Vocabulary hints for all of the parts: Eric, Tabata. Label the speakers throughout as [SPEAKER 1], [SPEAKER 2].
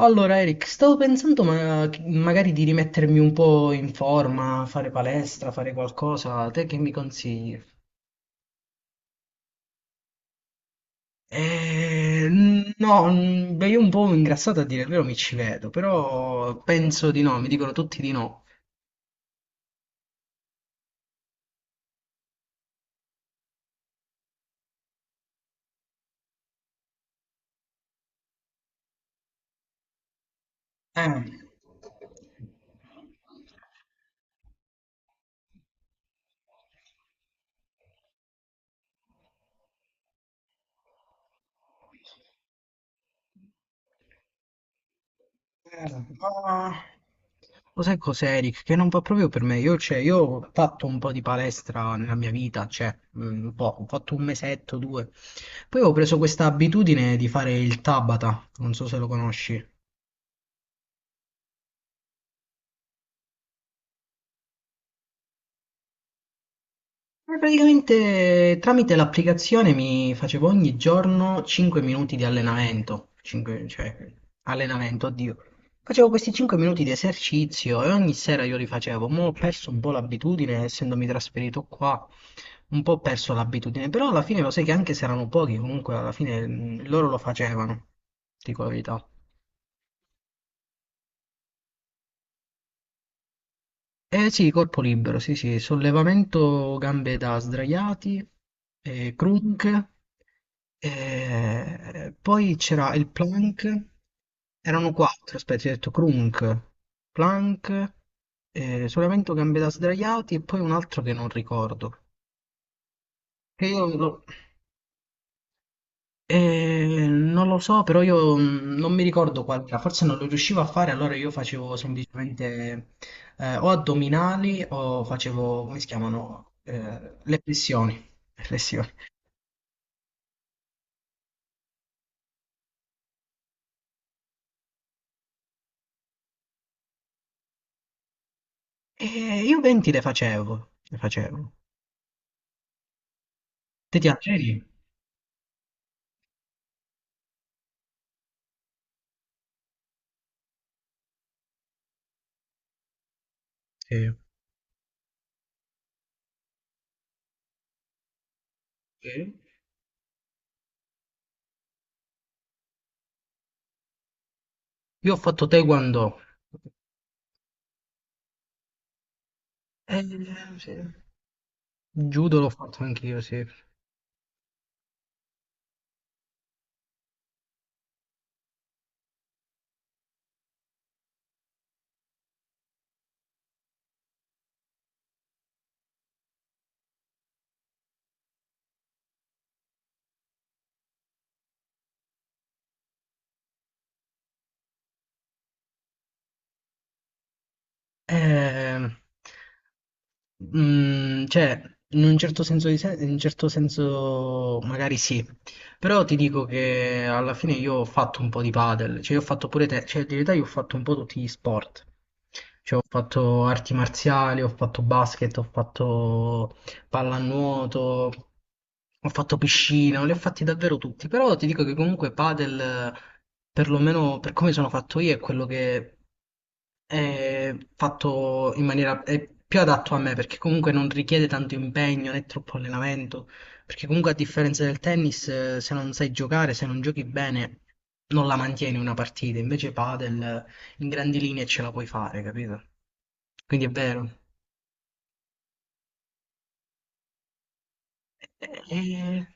[SPEAKER 1] Allora, Eric, stavo pensando magari di rimettermi un po' in forma, fare palestra, fare qualcosa. Te che mi consigli? Eh, no, beh, io un po' ingrassato a dire il vero mi ci vedo, però penso di no, mi dicono tutti di no. Eh, Eh, ma lo sai cos'è, Eric? Che non va proprio per me. Io, cioè, io ho fatto un po' di palestra nella mia vita, cioè, un po', ho fatto un mesetto, due. Poi ho preso questa abitudine di fare il Tabata, non so se lo conosci. Praticamente tramite l'applicazione mi facevo ogni giorno 5 minuti di allenamento, 5, cioè allenamento, oddio. Facevo questi 5 minuti di esercizio e ogni sera io li facevo. Mo' ho perso un po' l'abitudine, essendomi trasferito qua, un po' ho perso l'abitudine, però alla fine lo sai che anche se erano pochi, comunque alla fine loro lo facevano, dico la verità. Eh sì, corpo libero, sì sì, sollevamento gambe da sdraiati, crook, poi c'era il plank, erano quattro, aspetta, ti ho detto crunk, plank, sollevamento gambe da sdraiati e poi un altro che non ricordo. Che io lo- non lo so, però io non mi ricordo qual era, forse non lo riuscivo a fare, allora io facevo semplicemente o addominali o facevo, come si chiamano, eh, le pressioni. Le flessioni. E io 20 le facevo, le facevo. Te ti alzeri? Sì. Sì. Io ho fatto taekwondo. Eh, sì. Judo l'ho fatto anch'io, sì. Eh, Mm, cioè, in un certo senso, in un certo senso magari sì, però ti dico che alla fine io ho fatto un po' di padel, cioè io ho fatto pure te, cioè in realtà io ho fatto un po' tutti gli sport, cioè ho fatto arti marziali, ho fatto basket, ho fatto pallanuoto, ho fatto piscina, li ho fatti davvero tutti, però ti dico che comunque padel, perlomeno per come sono fatto io, è quello che è fatto in maniera è più adatto a me perché comunque non richiede tanto impegno né troppo allenamento. Perché comunque a differenza del tennis, se non sai giocare, se non giochi bene, non la mantieni una partita. Invece padel, in grandi linee ce la puoi fare, capito? Quindi è vero. E, e-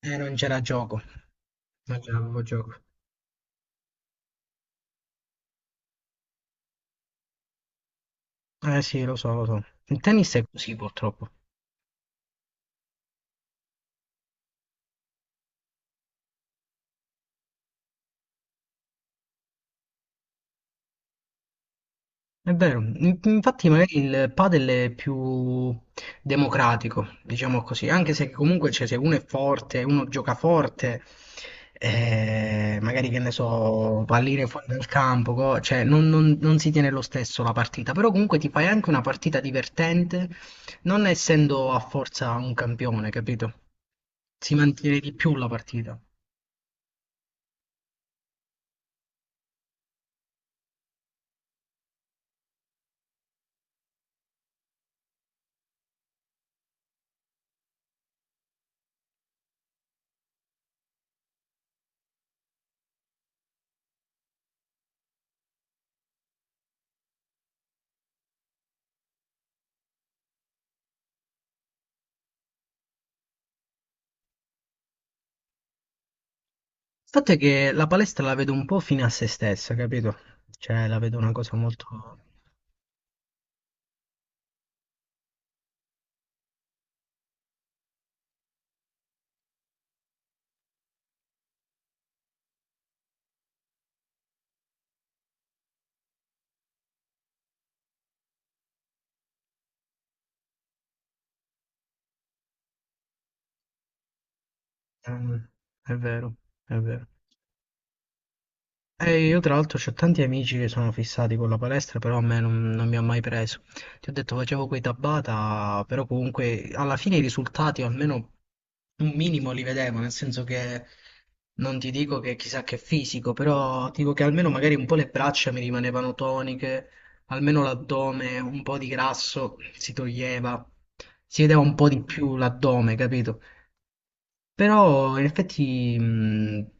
[SPEAKER 1] e non c'era gioco. Ma già, lo gioco. Eh sì, lo so, lo so. Il tennis è così purtroppo. È vero. Infatti magari il padel è più democratico, diciamo così, anche se comunque cioè, se uno è forte, uno gioca forte, magari che ne so, pallire fuori dal campo, cioè non si tiene lo stesso la partita, però comunque ti fai anche una partita divertente, non essendo a forza un campione, capito? Si mantiene di più la partita. Il fatto è che la palestra la vedo un po' fine a se stessa, capito? Cioè, la vedo una cosa molto... eh, è vero, è vero. Io tra l'altro ho tanti amici che sono fissati con la palestra, però a me non mi ha mai preso. Ti ho detto facevo quei Tabata, però comunque alla fine i risultati o almeno un minimo li vedevo, nel senso che non ti dico che chissà che fisico, però ti dico che almeno magari un po' le braccia mi rimanevano toniche, almeno l'addome, un po' di grasso si toglieva, si vedeva un po' di più l'addome, capito? Però in effetti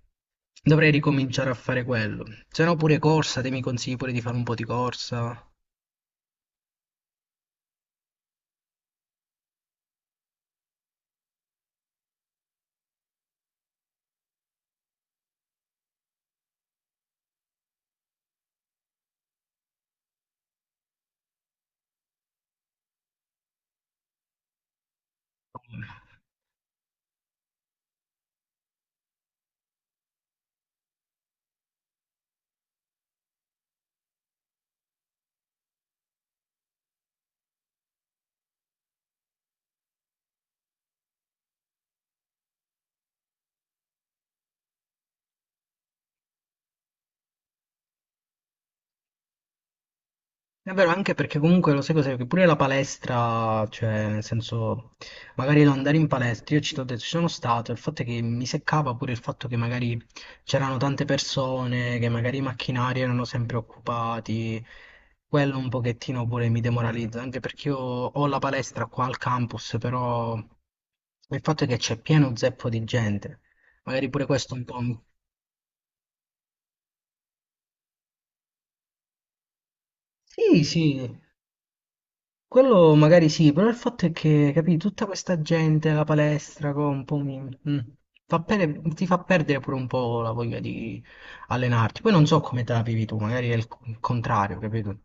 [SPEAKER 1] dovrei ricominciare a fare quello. Se no pure corsa, te mi consigli pure di fare un po' di corsa. È vero, anche perché comunque lo sai cos'è, che pure la palestra, cioè nel senso, magari non andare in palestra, io ci t'ho detto, ci sono stato, il fatto è che mi seccava pure il fatto che magari c'erano tante persone, che magari i macchinari erano sempre occupati, quello un pochettino pure mi demoralizza, anche perché io ho la palestra qua al campus, però il fatto è che c'è pieno zeppo di gente, magari pure questo un po'... Sì, sì, quello magari sì, però il fatto è che, capì, tutta questa gente alla palestra un po' mm, fa ti fa perdere pure un po' la voglia di allenarti. Poi non so come te la vivi tu, magari è il il contrario, capito?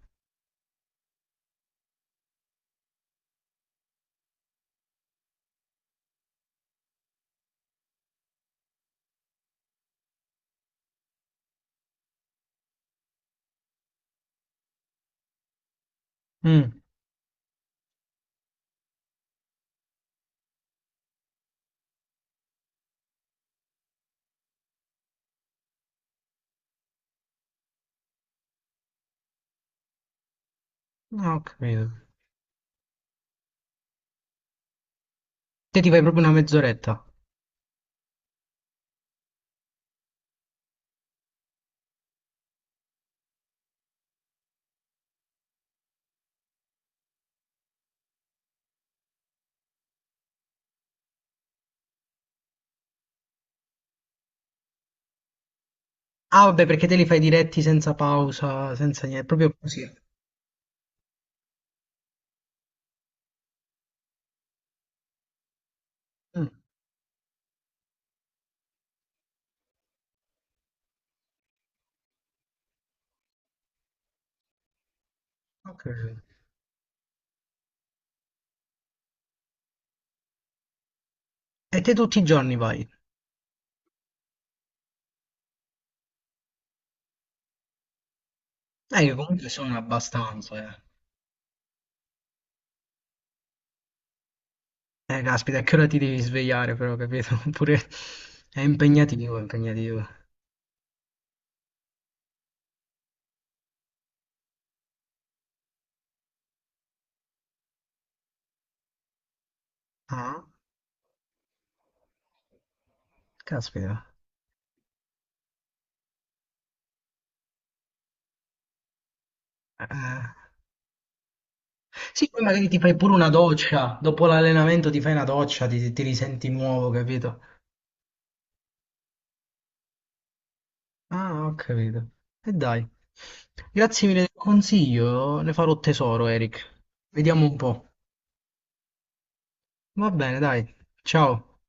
[SPEAKER 1] Mm, no, ho capito. Te ti fai proprio una mezz'oretta. Ah, vabbè, perché te li fai diretti senza pausa, senza niente, proprio così. Mm, ho capito. E te tutti i giorni vai? Io comunque sono abbastanza, eh. Caspita, a che ora ti devi svegliare però, capito? Oppure è impegnativo, è impegnativo. Ah, caspita. Eh, Sì, poi magari ti fai pure una doccia, dopo l'allenamento ti fai una doccia, ti risenti nuovo, capito? Ah, ho capito. E dai. Grazie mille del consiglio, ne farò tesoro, Eric. Vediamo un po'. Va bene, dai. Ciao.